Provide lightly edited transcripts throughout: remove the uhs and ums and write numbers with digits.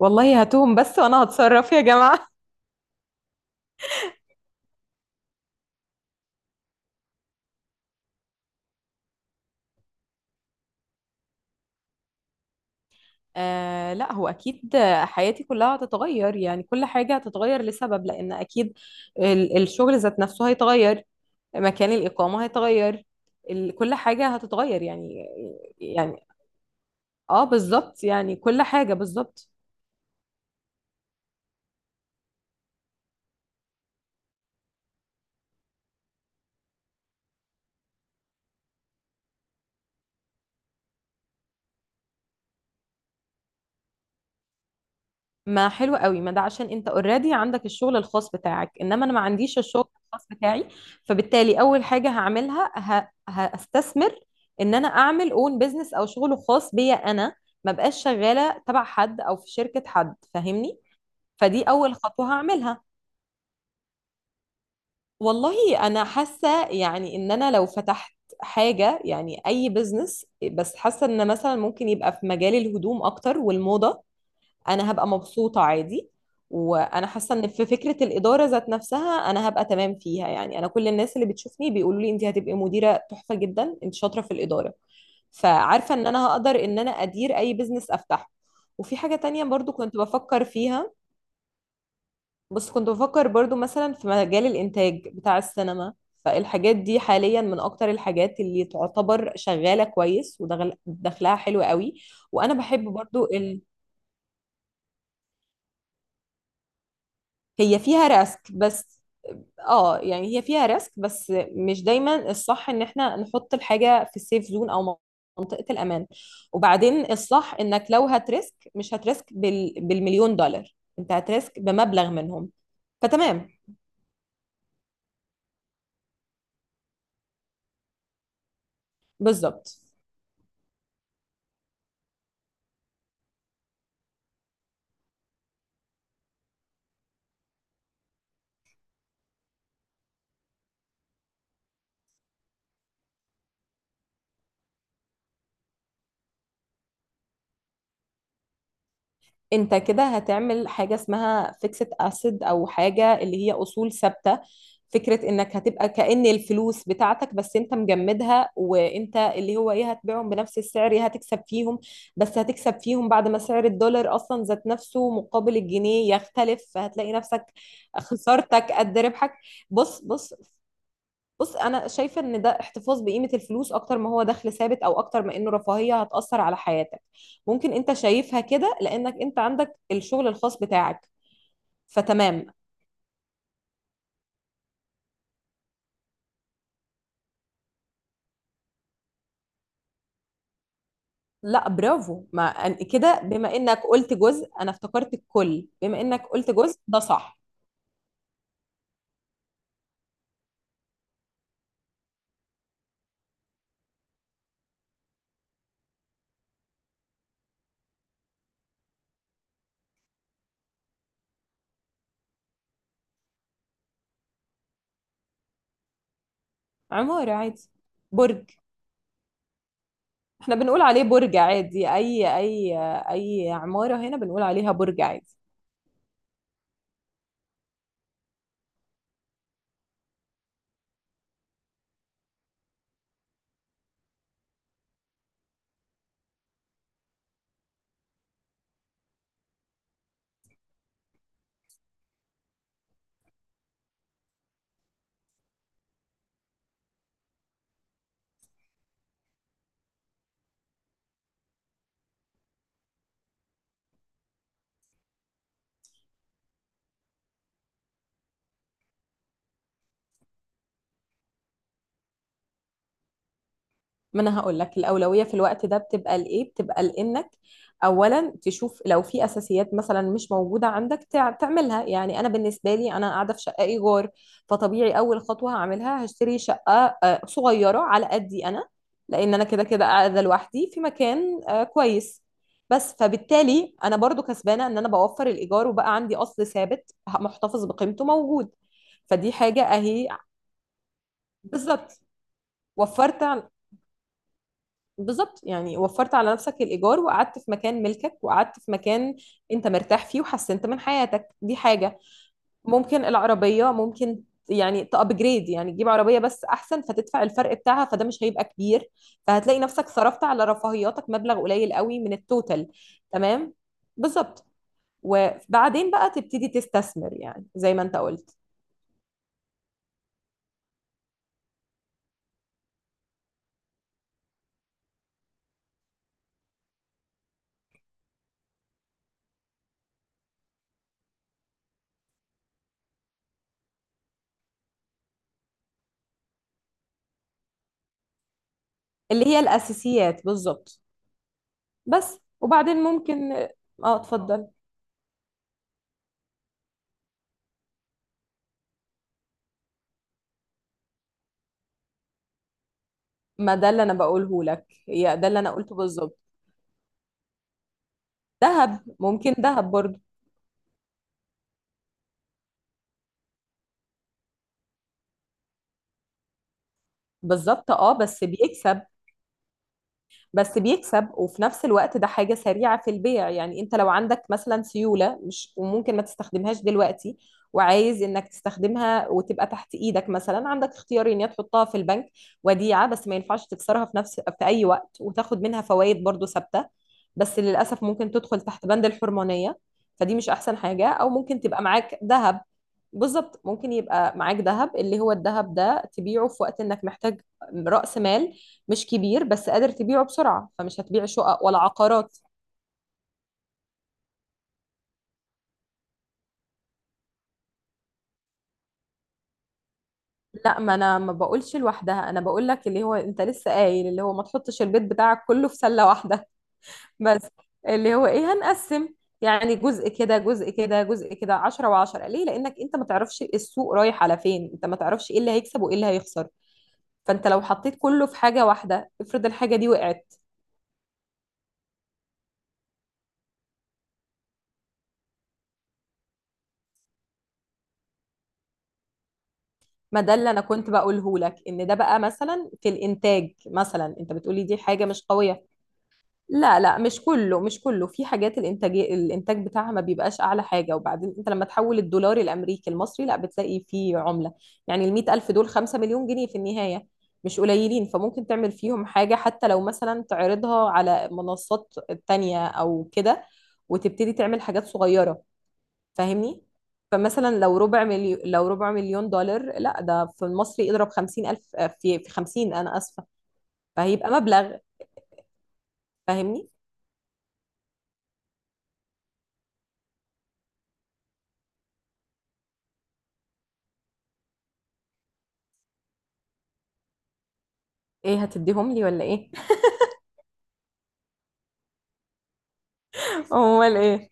والله هاتوهم بس وانا هتصرف يا جماعة. آه، لا هو اكيد. حياتي كلها هتتغير، يعني كل حاجة هتتغير لسبب لان اكيد الشغل ذات نفسه هيتغير. مكان الاقامة هيتغير. كل حاجة هتتغير يعني. يعني اه بالظبط، يعني كل حاجة بالظبط. ما حلو قوي، ما ده عشان انت اوريدي عندك الشغل الخاص بتاعك، انما انا ما عنديش الشغل الخاص بتاعي. فبالتالي اول حاجه هعملها هستثمر ان انا اعمل اون بيزنس او شغل خاص بيا انا. ما بقاش شغاله تبع حد او في شركه حد، فاهمني؟ فدي اول خطوه هعملها. والله انا حاسه، يعني ان انا لو فتحت حاجه، يعني اي بيزنس، بس حاسه ان مثلا ممكن يبقى في مجال الهدوم اكتر والموضه. انا هبقى مبسوطة عادي. وانا حاسة ان في فكرة الإدارة ذات نفسها انا هبقى تمام فيها، يعني انا كل الناس اللي بتشوفني بيقولوا لي انت هتبقي مديرة تحفة جدا، انت شاطرة في الإدارة. فعارفة ان انا هقدر ان انا ادير اي بزنس افتحه. وفي حاجة تانية برضو كنت بفكر فيها. بس كنت بفكر برضو مثلا في مجال الإنتاج بتاع السينما. فالحاجات دي حاليا من أكتر الحاجات اللي تعتبر شغالة كويس ودخلها حلو قوي. وأنا بحب برضو. هي فيها ريسك بس. اه، يعني هي فيها ريسك، بس مش دايما الصح ان احنا نحط الحاجه في السيف زون او منطقه الامان. وبعدين الصح انك لو هتريسك، مش هتريسك بالمليون دولار، انت هتريسك بمبلغ منهم. فتمام. بالظبط. انت كده هتعمل حاجة اسمها فيكسد اسيد، او حاجة اللي هي اصول ثابتة. فكرة انك هتبقى كأن الفلوس بتاعتك بس انت مجمدها، وانت اللي هو ايه، هتبيعهم بنفس السعر، ايه هتكسب فيهم؟ بس هتكسب فيهم بعد ما سعر الدولار اصلا ذات نفسه مقابل الجنيه يختلف، فهتلاقي نفسك خسارتك قد ربحك. بص، بص، بص. انا شايفه ان ده احتفاظ بقيمه الفلوس اكتر ما هو دخل ثابت، او اكتر ما انه رفاهيه هتاثر على حياتك. ممكن انت شايفها كده لانك انت عندك الشغل الخاص بتاعك. فتمام. لا، برافو. ما أن- كده بما انك قلت جزء انا افتكرت الكل، بما انك قلت جزء ده صح. عماره عادي. برج. احنا بنقول عليه برج عادي. اي، اي. اي عماره هنا بنقول عليها برج عادي. ما انا هقول لك الاولويه في الوقت ده بتبقى لايه، بتبقى لانك اولا تشوف لو في اساسيات مثلا مش موجوده عندك تعملها. يعني انا بالنسبه لي، انا قاعده في شقه ايجار، فطبيعي اول خطوه هعملها هشتري شقه صغيره على قدي انا. لان انا كده كده قاعده لوحدي في مكان كويس، بس. فبالتالي انا برضو كسبانه ان انا بوفر الايجار، وبقى عندي اصل ثابت محتفظ بقيمته موجود. فدي حاجه اهي. بالظبط. وفرت. بالظبط، يعني وفرت على نفسك الإيجار، وقعدت في مكان ملكك، وقعدت في مكان أنت مرتاح فيه، وحسنت من حياتك. دي حاجة. ممكن العربية، ممكن، يعني تأبجريد، يعني تجيب عربية بس أحسن، فتدفع الفرق بتاعها فده مش هيبقى كبير. فهتلاقي نفسك صرفت على رفاهياتك مبلغ قليل قوي من التوتال. تمام. بالظبط. وبعدين بقى تبتدي تستثمر، يعني زي ما أنت قلت. اللي هي الأساسيات، بالظبط. بس وبعدين ممكن. اه، اتفضل. ما ده اللي انا بقوله لك، هي ده اللي انا قلته بالظبط. دهب، ممكن دهب برضو. بالظبط. اه، بس بيكسب وفي نفس الوقت ده حاجة سريعة في البيع. يعني انت لو عندك مثلا سيولة مش وممكن ما تستخدمهاش دلوقتي وعايز انك تستخدمها وتبقى تحت ايدك، مثلا عندك اختيارين. يا تحطها في البنك وديعة، بس ما ينفعش تكسرها في اي وقت، وتاخد منها فوائد برضو ثابتة، بس للأسف ممكن تدخل تحت بند الحرمانية. فدي مش أحسن حاجة. أو ممكن تبقى معاك ذهب. بالظبط، ممكن يبقى معاك ذهب، اللي هو الذهب ده تبيعه في وقت إنك محتاج رأس مال مش كبير، بس قادر تبيعه بسرعة، فمش هتبيع شقق ولا عقارات. لا، ما انا ما بقولش لوحدها، انا بقول لك اللي هو انت لسه قايل اللي هو ما تحطش البيت بتاعك كله في سلة واحدة. بس اللي هو ايه، هنقسم، يعني جزء كده، جزء كده، جزء كده، 10 و10. ليه؟ لانك انت ما تعرفش السوق رايح على فين، انت ما تعرفش ايه اللي هيكسب وايه اللي هيخسر. فانت لو حطيت كله في حاجة واحدة، افرض الحاجة دي وقعت. ما ده اللي انا كنت بقوله لك، ان ده بقى مثلا في الانتاج. مثلا انت بتقولي دي حاجة مش قوية. لا، لا، مش كله، مش كله. في حاجات الانتاج، الانتاج بتاعها ما بيبقاش اعلى حاجه. وبعدين انت لما تحول الدولار الامريكي المصري، لا بتلاقي فيه عمله، يعني ال 100 الف دول 5 مليون جنيه في النهايه. مش قليلين. فممكن تعمل فيهم حاجه، حتى لو مثلا تعرضها على منصات تانية او كده، وتبتدي تعمل حاجات صغيره، فاهمني؟ فمثلا لو ربع مليون، دولار، لا ده في المصري اضرب 50 الف، في 50، انا اسفه، فهيبقى مبلغ. فاهمني؟ ايه، هتديهم لي ولا ايه؟ امال ايه؟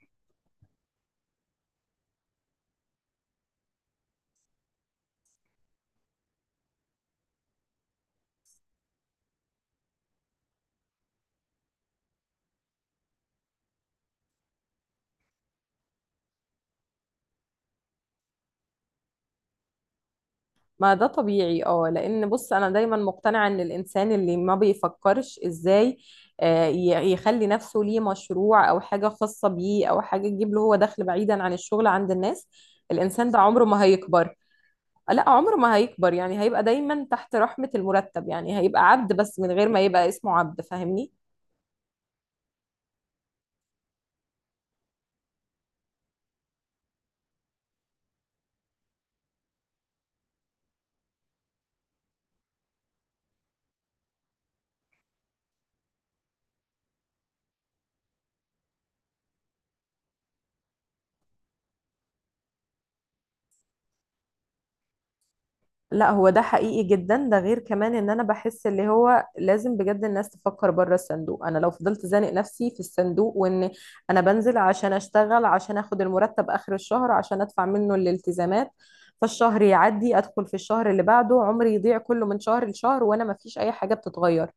ما ده طبيعي، اه. لان بص، انا دايما مقتنعه ان الانسان اللي ما بيفكرش ازاي يخلي نفسه ليه مشروع، او حاجه خاصه بيه، او حاجه تجيب له هو دخل بعيدا عن الشغل عند الناس، الانسان ده عمره ما هيكبر. لا، عمره ما هيكبر. يعني هيبقى دايما تحت رحمه المرتب، يعني هيبقى عبد بس من غير ما يبقى اسمه عبد، فاهمني؟ لا، هو ده حقيقي جدا. ده غير كمان ان انا بحس اللي هو لازم بجد الناس تفكر بره الصندوق. انا لو فضلت زانق نفسي في الصندوق وان انا بنزل عشان اشتغل عشان اخد المرتب اخر الشهر عشان ادفع منه الالتزامات، فالشهر يعدي ادخل في الشهر اللي بعده، عمري يضيع كله من شهر لشهر وانا ما فيش اي حاجة بتتغير.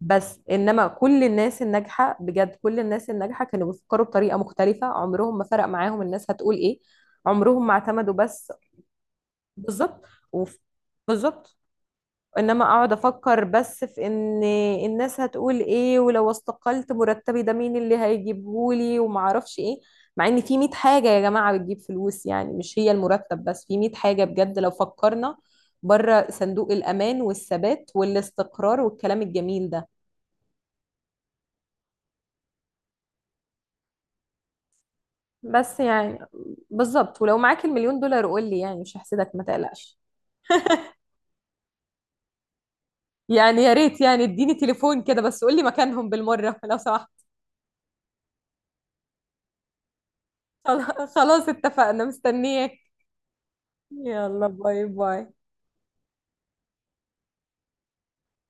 بس انما كل الناس الناجحة بجد، كل الناس الناجحة كانوا بيفكروا بطريقة مختلفة. عمرهم ما فرق معاهم الناس هتقول ايه. عمرهم ما اعتمدوا بس. بالظبط. وف- بالظبط. انما اقعد افكر بس في ان الناس هتقول ايه، ولو استقلت مرتبي ده مين اللي هيجيبهولي وما اعرفش ايه، مع ان في 100 حاجة يا جماعة بتجيب فلوس، يعني مش هي المرتب بس، في 100 حاجة بجد لو فكرنا بره صندوق الامان والثبات والاستقرار والكلام الجميل ده. بس يعني بالظبط. ولو معاك المليون دولار قول لي، يعني مش هحسدك، ما تقلقش. يعني يا ريت، يعني اديني تليفون كده، بس قول لي مكانهم بالمرة لو سمحت. خلاص، اتفقنا، مستنياك. يلا باي باي.